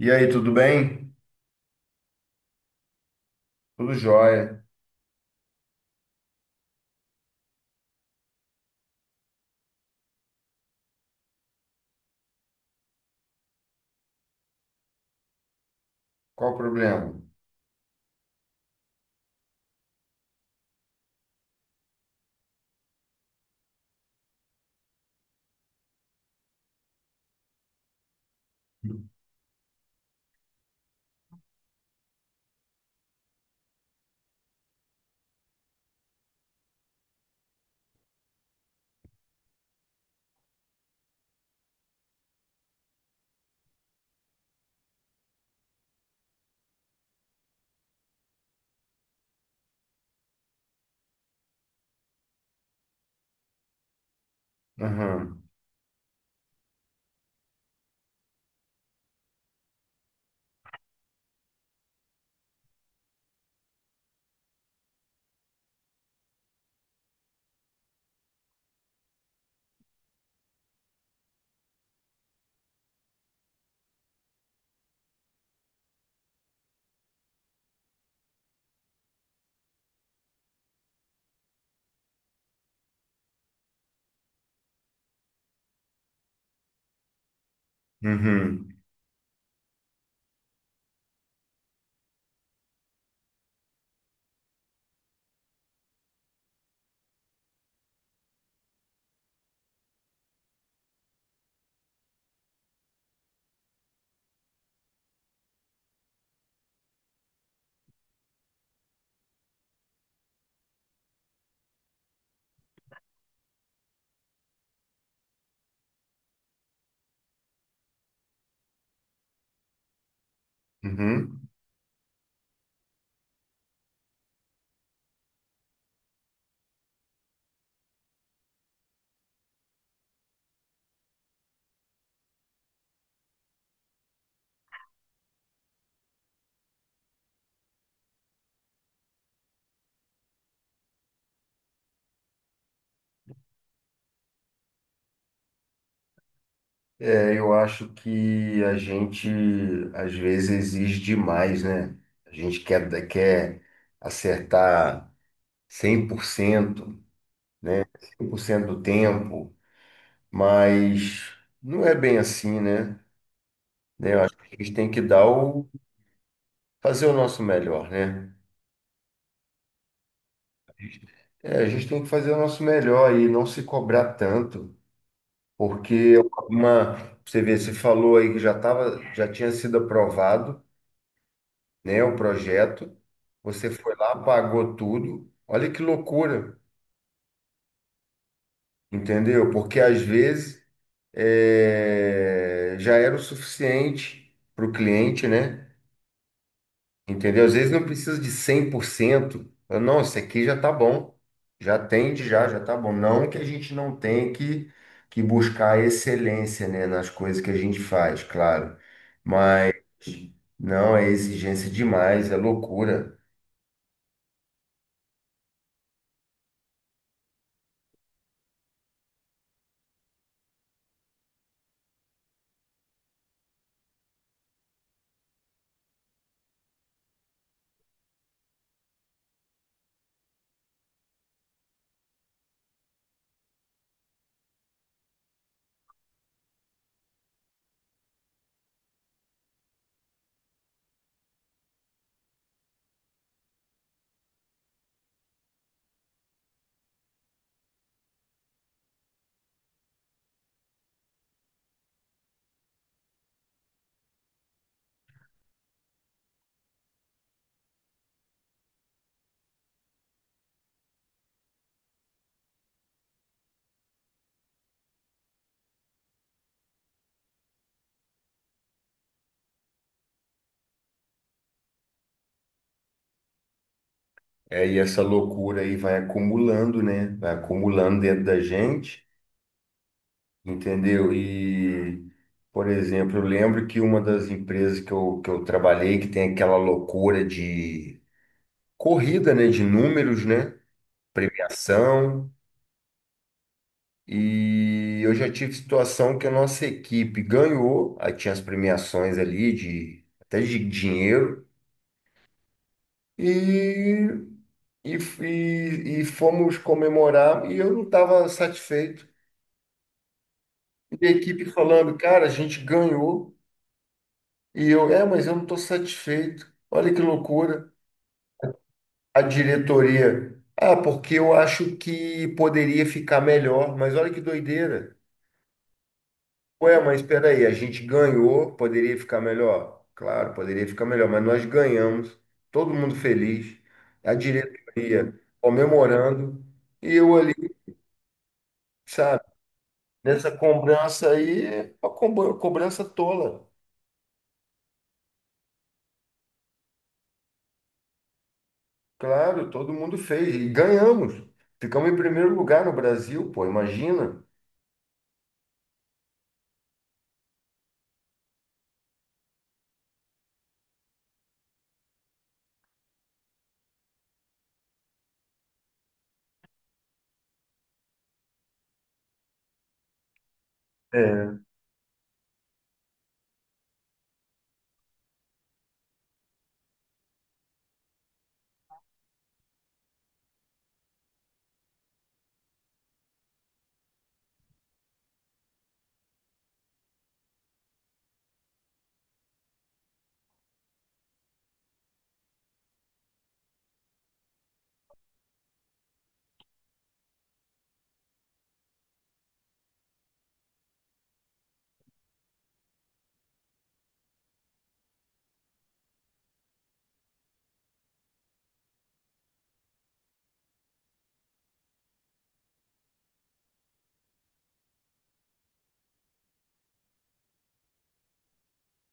E aí, tudo bem? Tudo jóia. Qual o problema? Aham. Uhum. Uhum. É, eu acho que a gente às vezes exige demais, né? A gente quer acertar cem por cento, 100% do tempo, mas não é bem assim, né? Né, eu acho que a gente tem que fazer o nosso melhor, né? É, a gente tem que fazer o nosso melhor e não se cobrar tanto. Porque uma, você vê, você falou aí que já tinha sido aprovado, né, o projeto. Você foi lá, pagou tudo. Olha que loucura, entendeu? Porque às vezes é, já era o suficiente para o cliente, né? Entendeu? Às vezes não precisa de 100%. Fala, não, isso aqui já tá bom. Já atende, já tá bom. Não que a gente não tenha que buscar excelência, né, nas coisas que a gente faz, claro. Mas não, é exigência demais, é loucura. É, e essa loucura aí vai acumulando, né? Vai acumulando dentro da gente, entendeu? E, por exemplo, eu lembro que uma das empresas que eu trabalhei, que tem aquela loucura de corrida, né, de números, né, premiação. E eu já tive situação que a nossa equipe ganhou, aí tinha as premiações ali de até de dinheiro. E, fomos comemorar e eu não estava satisfeito. E a equipe falando, cara, a gente ganhou. E eu, é, mas eu não estou satisfeito. Olha que loucura. A diretoria, ah, porque eu acho que poderia ficar melhor, mas olha que doideira. Ué, mas espera aí, a gente ganhou, poderia ficar melhor? Claro, poderia ficar melhor, mas nós ganhamos, todo mundo feliz, a diretoria comemorando, e eu ali, sabe, nessa cobrança aí, uma cobrança tola. Claro, todo mundo fez, e ganhamos. Ficamos em primeiro lugar no Brasil, pô, imagina. É.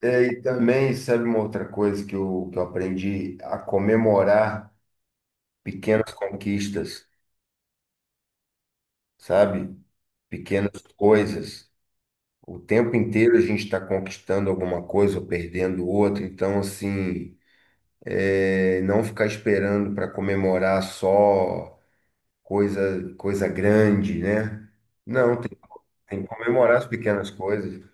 É, e também, sabe uma outra coisa que eu aprendi? A comemorar pequenas conquistas, sabe? Pequenas coisas. O tempo inteiro a gente está conquistando alguma coisa ou perdendo outra. Então, assim, é, não ficar esperando para comemorar só coisa grande, né? Não, tem, tem que comemorar as pequenas coisas.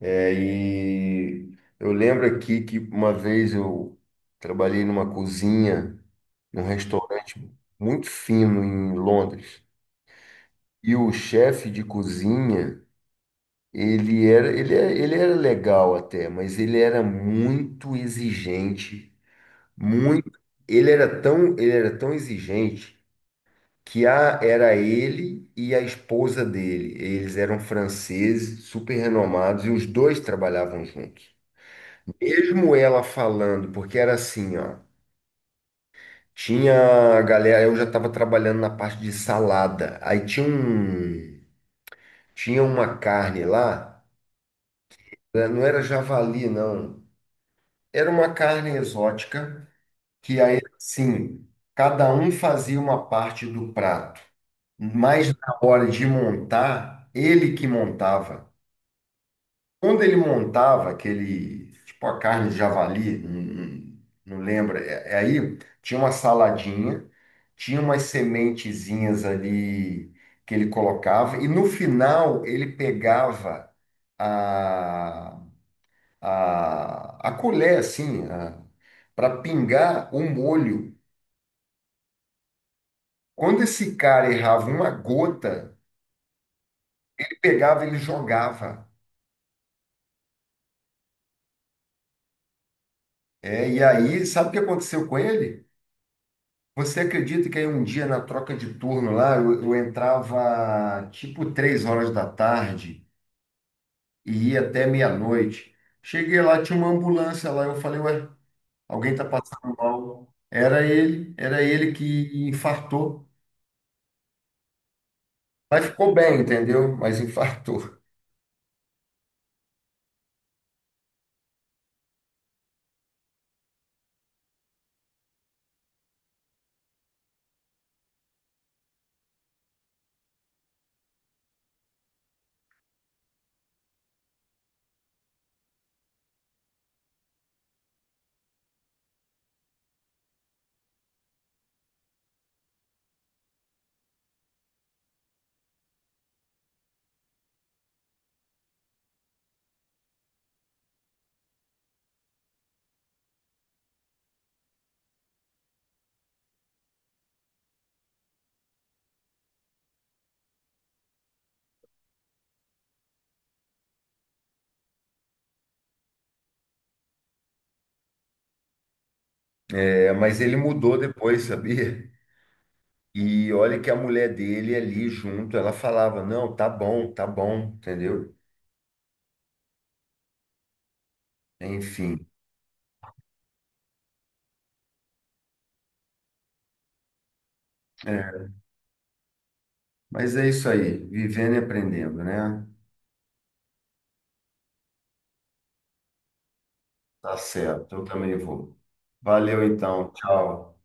É, e eu lembro aqui que uma vez eu trabalhei numa cozinha, num restaurante muito fino em Londres. E o chefe de cozinha, ele era legal até, mas ele era muito exigente, muito. Ele era tão exigente que a, era ele e a esposa dele. Eles eram franceses, super renomados, e os dois trabalhavam juntos. Mesmo ela falando, porque era assim, ó. Tinha a galera, eu já estava trabalhando na parte de salada. Tinha uma carne lá, né, não era javali, não. Era uma carne exótica, que aí, assim, cada um fazia uma parte do prato, mas na hora de montar, ele que montava. Quando ele montava aquele, tipo a carne de javali, não lembro, é aí tinha uma saladinha, tinha umas sementezinhas ali que ele colocava, e no final ele pegava a colher, assim, para pingar o molho. Quando esse cara errava uma gota, ele pegava, ele jogava. É, e aí, sabe o que aconteceu com ele? Você acredita que aí um dia na troca de turno lá, eu entrava tipo 3 horas da tarde e ia até meia-noite. Cheguei lá, tinha uma ambulância lá, eu falei, ué, alguém tá passando mal. Era ele que infartou. Mas ficou bem, entendeu? Mas infartou. É, mas ele mudou depois, sabia? E olha que a mulher dele ali junto, ela falava, não, tá bom, entendeu? Enfim. É, mas é isso aí, vivendo e aprendendo, né? Tá certo, eu também vou. Valeu então, tchau.